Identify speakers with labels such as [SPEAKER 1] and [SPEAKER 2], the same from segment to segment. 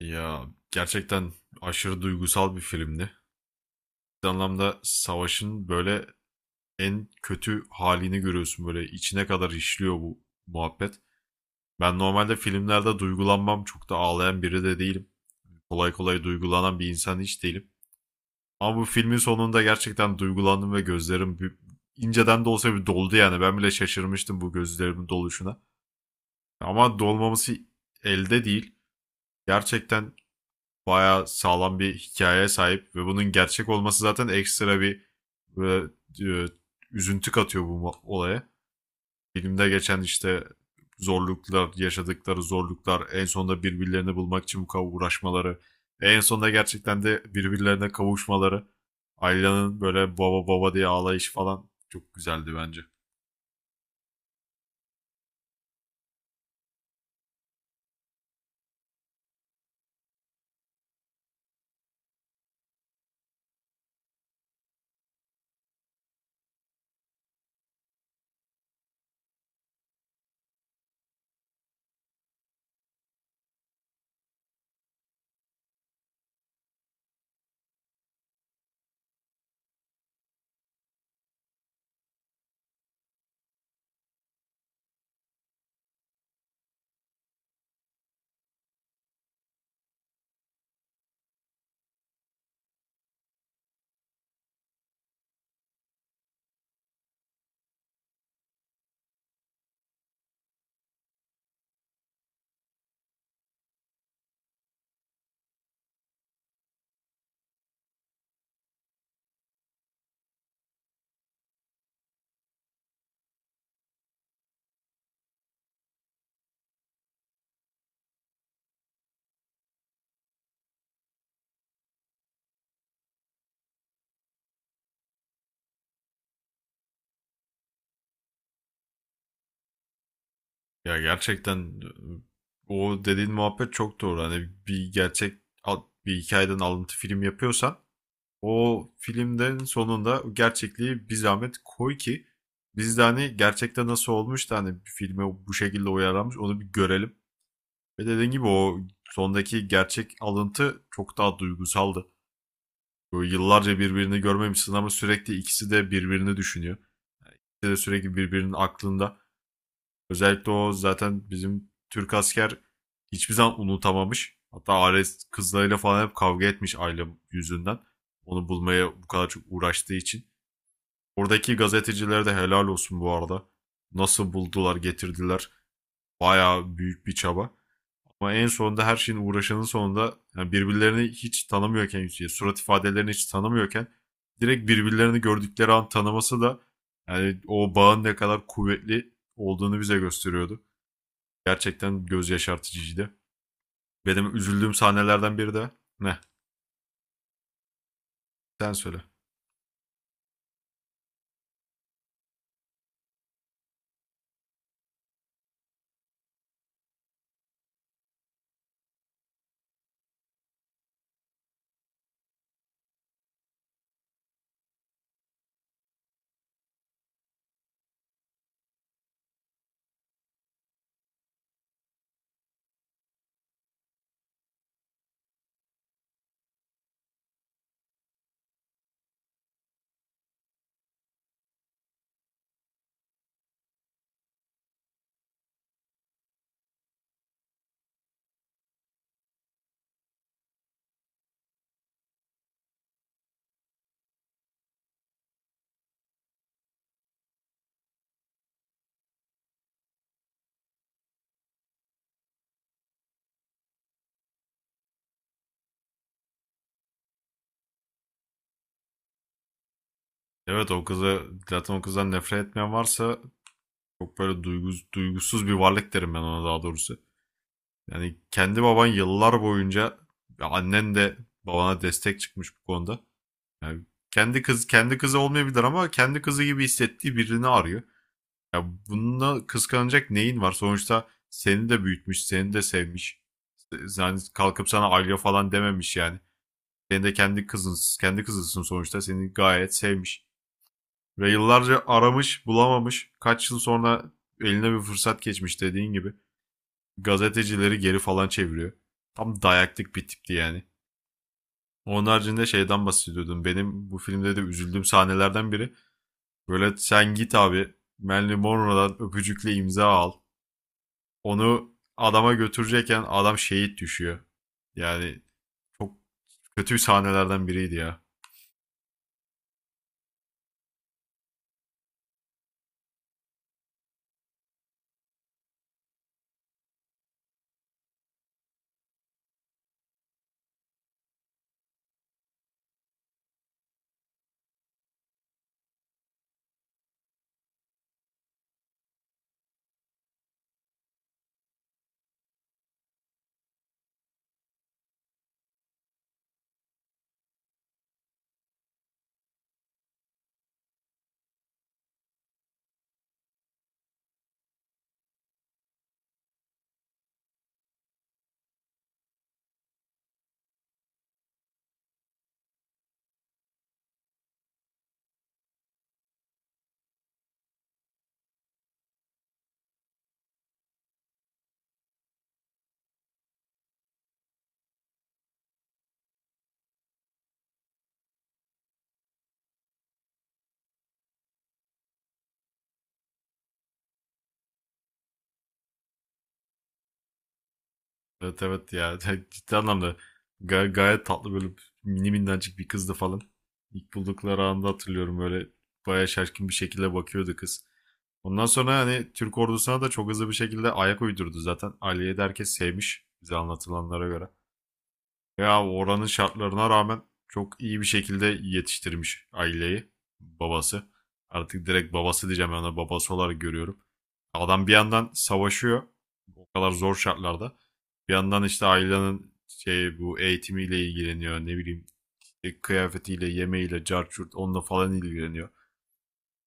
[SPEAKER 1] Ya gerçekten aşırı duygusal bir filmdi. Bir anlamda savaşın böyle en kötü halini görüyorsun, böyle içine kadar işliyor bu muhabbet. Ben normalde filmlerde duygulanmam, çok da ağlayan biri de değilim. Kolay kolay duygulanan bir insan hiç değilim. Ama bu filmin sonunda gerçekten duygulandım ve gözlerim inceden de olsa bir doldu yani. Ben bile şaşırmıştım bu gözlerimin doluşuna. Ama dolmaması elde değil. Gerçekten bayağı sağlam bir hikayeye sahip ve bunun gerçek olması zaten ekstra bir böyle, e, üzüntü katıyor bu olaya. Filmde geçen işte zorluklar, yaşadıkları zorluklar, en sonunda birbirlerini bulmak için bu kadar uğraşmaları, en sonunda gerçekten de birbirlerine kavuşmaları, Ayla'nın böyle baba baba diye ağlayışı falan çok güzeldi bence. Ya gerçekten o dediğin muhabbet çok doğru. Hani bir gerçek bir hikayeden alıntı film yapıyorsan, o filmden sonunda gerçekliği bir zahmet koy ki biz de hani gerçekte nasıl olmuş da hani bir filme bu şekilde uyarlanmış onu bir görelim. Ve dediğim gibi o sondaki gerçek alıntı çok daha duygusaldı. Böyle yıllarca birbirini görmemişsin ama sürekli ikisi de birbirini düşünüyor. İkisi de sürekli birbirinin aklında. Özellikle o zaten bizim Türk asker hiçbir zaman unutamamış. Hatta Ares kızlarıyla falan hep kavga etmiş aile yüzünden. Onu bulmaya bu kadar çok uğraştığı için. Oradaki gazetecilere de helal olsun bu arada. Nasıl buldular, getirdiler. Bayağı büyük bir çaba. Ama en sonunda her şeyin uğraşanın sonunda, yani birbirlerini hiç tanımıyorken, surat ifadelerini hiç tanımıyorken direkt birbirlerini gördükleri an tanıması da yani o bağın ne kadar kuvvetli olduğunu bize gösteriyordu. Gerçekten göz yaşartıcıydı. Benim üzüldüğüm sahnelerden biri de ne? Sen söyle. Evet, o kızı, zaten o kızdan nefret etmeyen varsa çok böyle duygusuz bir varlık derim ben ona, daha doğrusu. Yani kendi baban yıllar boyunca ve annen de babana destek çıkmış bu konuda. Yani kendi kızı olmayabilir ama kendi kızı gibi hissettiği birini arıyor. Ya bununla kıskanacak neyin var? Sonuçta seni de büyütmüş, seni de sevmiş. Yani kalkıp sana Alya falan dememiş yani. Senin de kendi kızın, kendi kızısın sonuçta. Seni gayet sevmiş. Ve yıllarca aramış, bulamamış. Kaç yıl sonra eline bir fırsat geçmiş dediğin gibi. Gazetecileri geri falan çeviriyor. Tam dayaklık bir tipti yani. Onun haricinde şeyden bahsediyordum. Benim bu filmde de üzüldüğüm sahnelerden biri. Böyle sen git abi, Marilyn Monroe'dan öpücükle imza al. Onu adama götürecekken adam şehit düşüyor. Yani çok kötü sahnelerden biriydi ya. Evet, evet ya, ciddi anlamda gayet tatlı, böyle mini minnacık bir kızdı falan. İlk buldukları anda hatırlıyorum, böyle bayağı şaşkın bir şekilde bakıyordu kız. Ondan sonra hani Türk ordusuna da çok hızlı bir şekilde ayak uydurdu zaten. Aliye'yi de herkes sevmiş bize anlatılanlara göre. Ya oranın şartlarına rağmen çok iyi bir şekilde yetiştirmiş aileyi, babası. Artık direkt babası diyeceğim, ben ona babası olarak görüyorum. Adam bir yandan savaşıyor o kadar zor şartlarda. Bir yandan işte ailenin şey bu eğitimiyle ilgileniyor, ne bileyim işte kıyafetiyle, yemeğiyle, carçurt onunla falan ilgileniyor.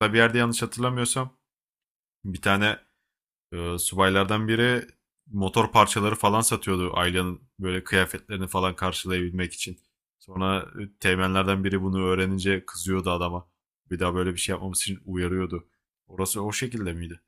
[SPEAKER 1] Hatta bir yerde yanlış hatırlamıyorsam bir tane subaylardan biri motor parçaları falan satıyordu Ayla'nın böyle kıyafetlerini falan karşılayabilmek için. Sonra teğmenlerden biri bunu öğrenince kızıyordu adama. Bir daha böyle bir şey yapmamız için uyarıyordu. Orası o şekilde miydi?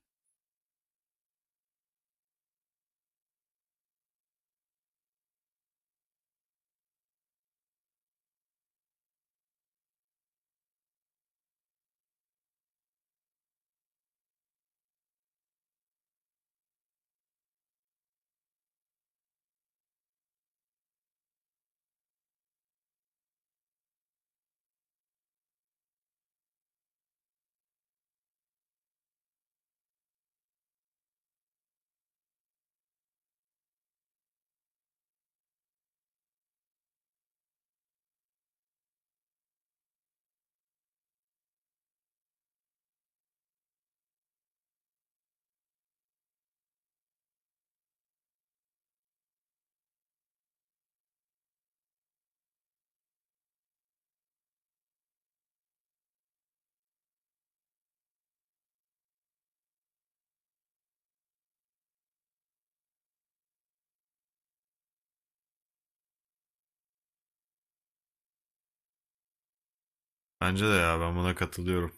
[SPEAKER 1] Bence de ya, ben buna katılıyorum.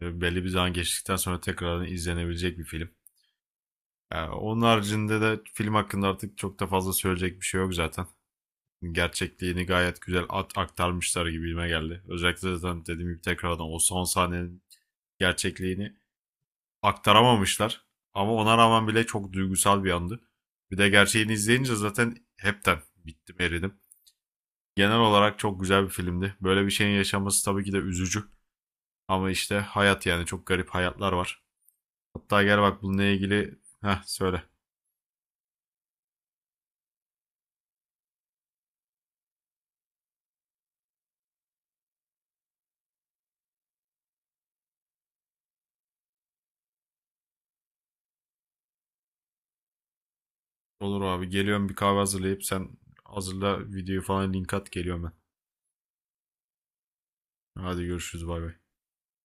[SPEAKER 1] Belli bir zaman geçtikten sonra tekrardan izlenebilecek bir film. Yani onun haricinde de film hakkında artık çok da fazla söyleyecek bir şey yok zaten. Gerçekliğini gayet güzel at aktarmışlar gibime geldi. Özellikle zaten dediğim gibi tekrardan o son sahnenin gerçekliğini aktaramamışlar. Ama ona rağmen bile çok duygusal bir andı. Bir de gerçeğini izleyince zaten hepten bittim, eridim. Genel olarak çok güzel bir filmdi. Böyle bir şeyin yaşaması tabii ki de üzücü. Ama işte hayat, yani çok garip hayatlar var. Hatta gel bak bununla ilgili, heh söyle. Olur abi, geliyorum, bir kahve hazırlayıp, sen hazırla videoyu falan, link at, geliyorum ben. Hadi görüşürüz, bay bay.